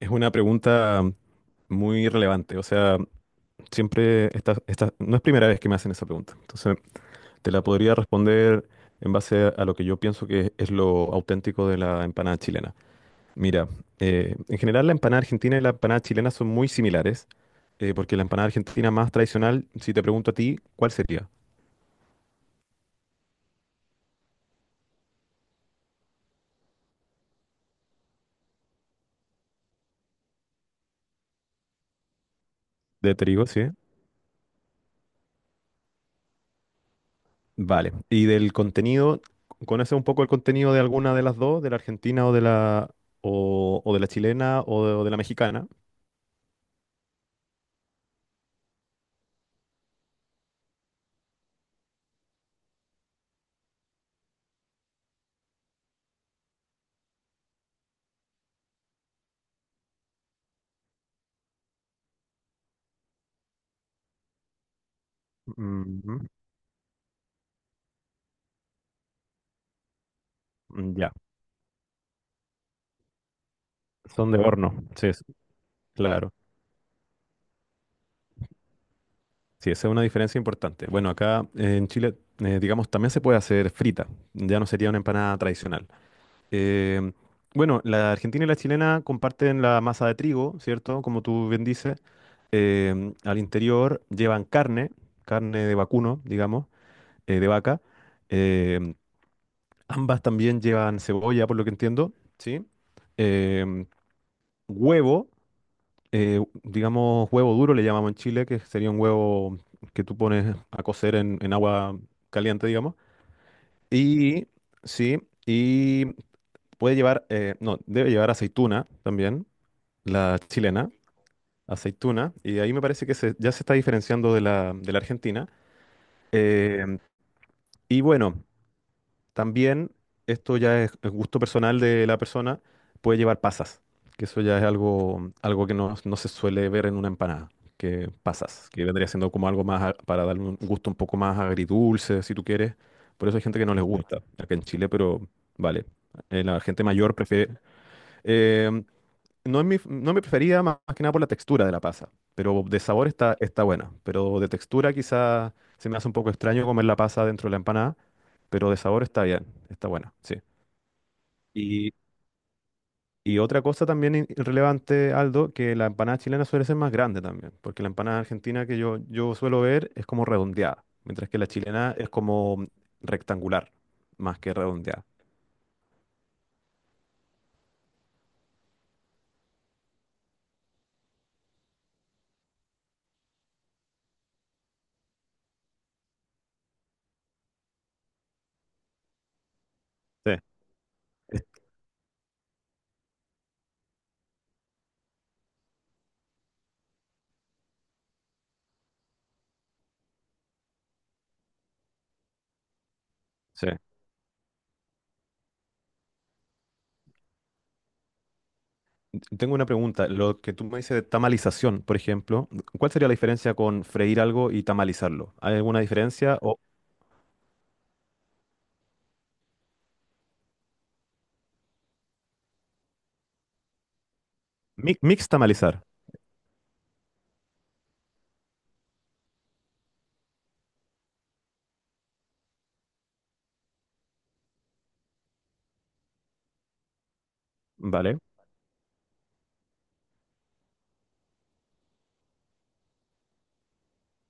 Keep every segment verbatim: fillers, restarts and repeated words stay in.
Es una pregunta muy relevante. O sea, siempre esta, esta- no es primera vez que me hacen esa pregunta. Entonces, te la podría responder en base a lo que yo pienso que es lo auténtico de la empanada chilena. Mira, eh, en general la empanada argentina y la empanada chilena son muy similares, eh, porque la empanada argentina más tradicional, si te pregunto a ti, ¿cuál sería? De trigo, sí. Vale. Y del contenido, ¿conoces un poco el contenido de alguna de las dos, de la argentina o de la, o, o de la chilena o de o de la mexicana? Ujú. Mm. Ya, son de horno, sí, es- claro. Sí, esa es una diferencia importante. Bueno, acá eh, en Chile, eh, digamos, también se puede hacer frita, ya no sería una empanada tradicional. Eh, bueno, la argentina y la chilena comparten la masa de trigo, ¿cierto? Como tú bien dices. Em, al interior llevan carne, carne de vacuno, digamos, eh, de vaca. Em, Ambas también llevan cebolla, por lo que entiendo, ¿sí? Em, Huevo. Eh, digamos, huevo duro le llamamos en Chile, que sería un huevo que tú pones a cocer en, en agua caliente, digamos. Y sí, y puede llevar, eh, no, debe llevar aceituna también, la chilena, aceituna, y ahí me parece que se- ya se está diferenciando de la, de la argentina. Eh, y bueno. También, esto ya es es gusto personal de la persona, puede llevar pasas, que eso ya es algo, algo que no, no se suele ver en una empanada, que pasas, que vendría siendo como algo más a- para darle un gusto un poco más agridulce, si tú quieres. Por eso hay gente que no les gusta acá en Chile, pero vale. Eh, la gente mayor prefiere. No es mi, no es mi preferida más, más que nada por la textura de la pasa, pero de sabor está, está buena. Pero de textura quizá se me hace un poco extraño comer la pasa dentro de la empanada, pero de sabor está bien, está buena, sí. Y, y otra cosa también in- relevante, Aldo, que la empanada chilena suele ser más grande también, porque la empanada argentina que yo, yo suelo ver es como redondeada, mientras que la chilena es como rectangular, más que redondeada. Sí, es- sí. Tengo una pregunta. Lo que tú me dices de tamalización, por ejemplo, ¿cuál sería la diferencia con freír algo y tamalizarlo? ¿Hay alguna diferencia? O mi- mix tamalizar, ¿vale?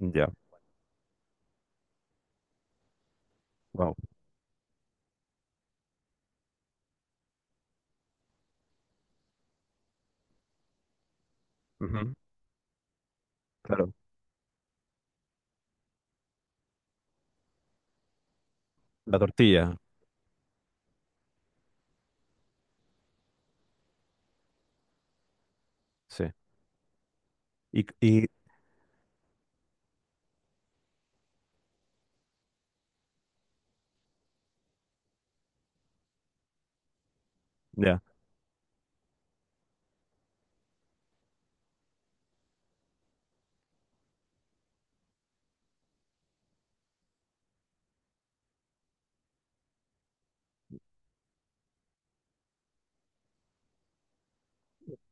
Ya, wow. Claro, la tortilla, sí. Y, y- ya,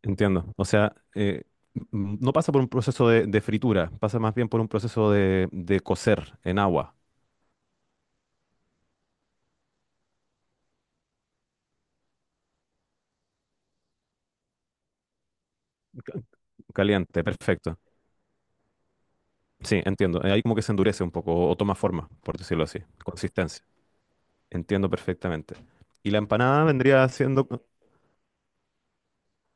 entiendo. O sea, eh, m- no pasa por un proceso de, de fritura, pasa más bien por un proceso de, de cocer en agua ca- caliente, perfecto. Sí, entiendo. Eh, Ahí como que se endurece un poco o o toma forma, por decirlo así, consistencia. Entiendo perfectamente. Y la empanada vendría siendo...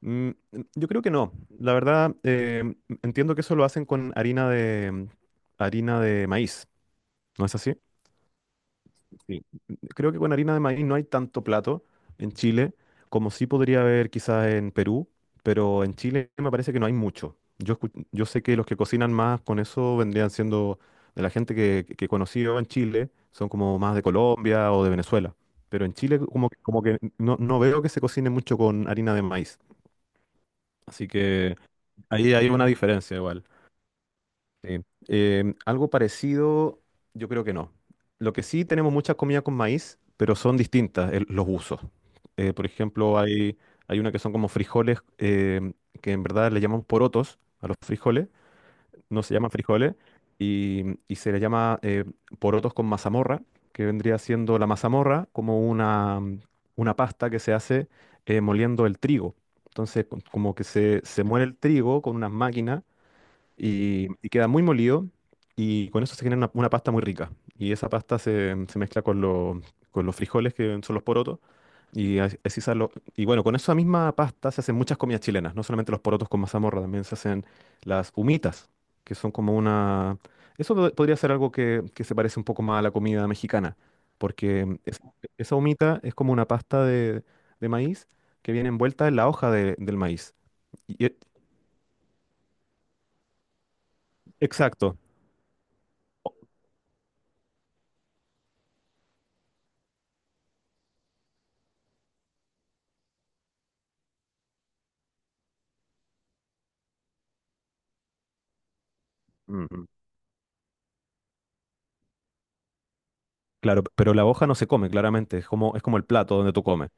mm, yo creo que no. La verdad, eh, entiendo que eso lo hacen con harina de, harina de maíz. ¿No es así? Sí. Creo que con harina de maíz no hay tanto plato en Chile como sí podría haber quizás en Perú, pero en Chile me parece que no hay mucho. Yo, escu- yo sé que los que cocinan más con eso vendrían siendo de la gente que, que conocí yo en Chile, son como más de Colombia o de Venezuela, pero en Chile como, que- como que no, no veo que se cocine mucho con harina de maíz, así que ahí hay una diferencia igual. Sí. Em, algo parecido, yo creo que no. Lo que sí tenemos mucha comida con maíz, pero son distintas el- los usos. Eh, por ejemplo, hay, hay una que son como frijoles, em, que en verdad le llamamos porotos a los frijoles, no se llaman frijoles, y, y se le llama eh, porotos con mazamorra, que vendría siendo la mazamorra como una, mm, una pasta que se hace eh, moliendo el trigo. Entonces, co- como que se, se muele el trigo con unas máquinas y, y queda muy molido y con eso se genera una, una pasta muy rica. Y esa pasta se, se mezcla con, lo- con los frijoles, que son los porotos, y as- así sale. Y bueno, con esa misma pasta se hacen muchas comidas chilenas, no solamente los porotos con mazamorra, también se hacen las humitas, que son como una... Eso pod- podría ser algo que, que se parece un poco más a la comida mexicana, porque es- esa humita es como una pasta de, de maíz que viene envuelta en la hoja de- del maíz. Y- y- exacto. Mm, mm. Claro, pero la hoja no se come, claramente. Es como, es como el plato donde tú comes.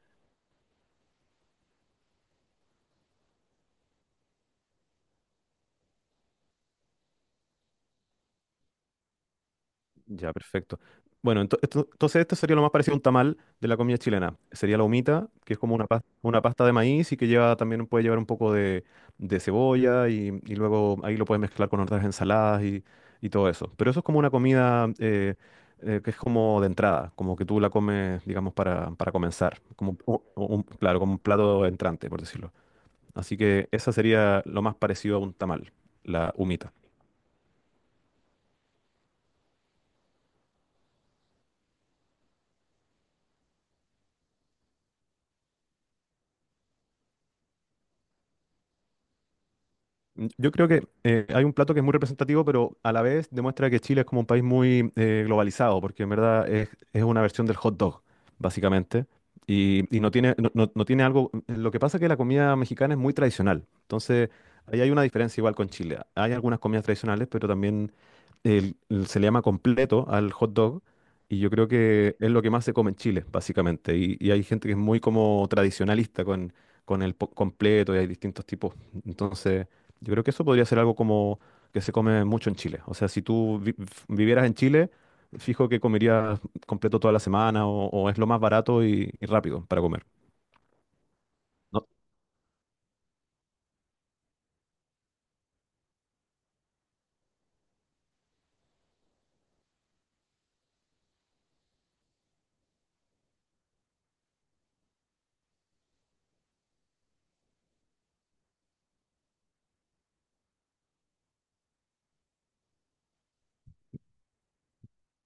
Ya, perfecto. Bueno, ento- esto- entonces esto sería lo más parecido a un tamal de la comida chilena. Sería la humita, que es como una pasta, una pasta de maíz y que lleva también puede llevar un poco de, de cebolla y, y luego ahí lo puedes mezclar con otras ensaladas y, y todo eso. Pero eso es como una comida eh, eh, que es como de entrada, como que tú la comes, digamos, para, para comenzar. Como, un- un- claro, como un plato entrante, por decirlo. Así que esa sería lo más parecido a un tamal, la humita. Yo creo que eh, hay un plato que es muy representativo, pero a la vez demuestra que Chile es como un país muy eh, globalizado, porque en verdad es, es una versión del hot dog, básicamente, y, y no tiene, no, no- no tiene algo... Lo que pasa es que la comida mexicana es muy tradicional, entonces ahí hay una diferencia igual con Chile. Hay algunas comidas tradicionales, pero también el- el- se le llama completo al hot dog y yo creo que es lo que más se come en Chile, básicamente. Y, y hay gente que es muy como tradicionalista con, con el po- completo y hay distintos tipos. Entonces, yo creo que eso podría ser algo como que, se come mucho en Chile. O sea, si tú vi- f- vivieras en Chile, fijo que comerías completo toda la semana o, o es lo más barato y, y rápido para comer. ¿No?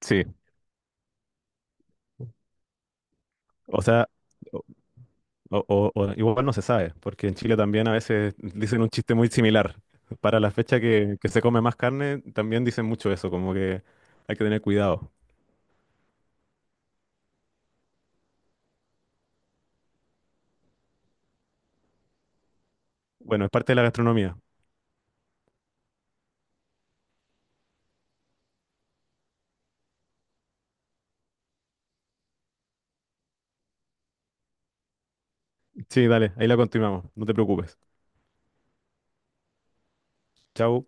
Sí, o sea... O, o- o igual no se sabe, porque en Chile también a veces dicen un chiste muy similar. Para la fecha que, que se come más carne, también dicen mucho eso, como que hay que tener cuidado. Bueno, es parte de la gastronomía. Sí, dale, ahí la continuamos, no te preocupes. Chau.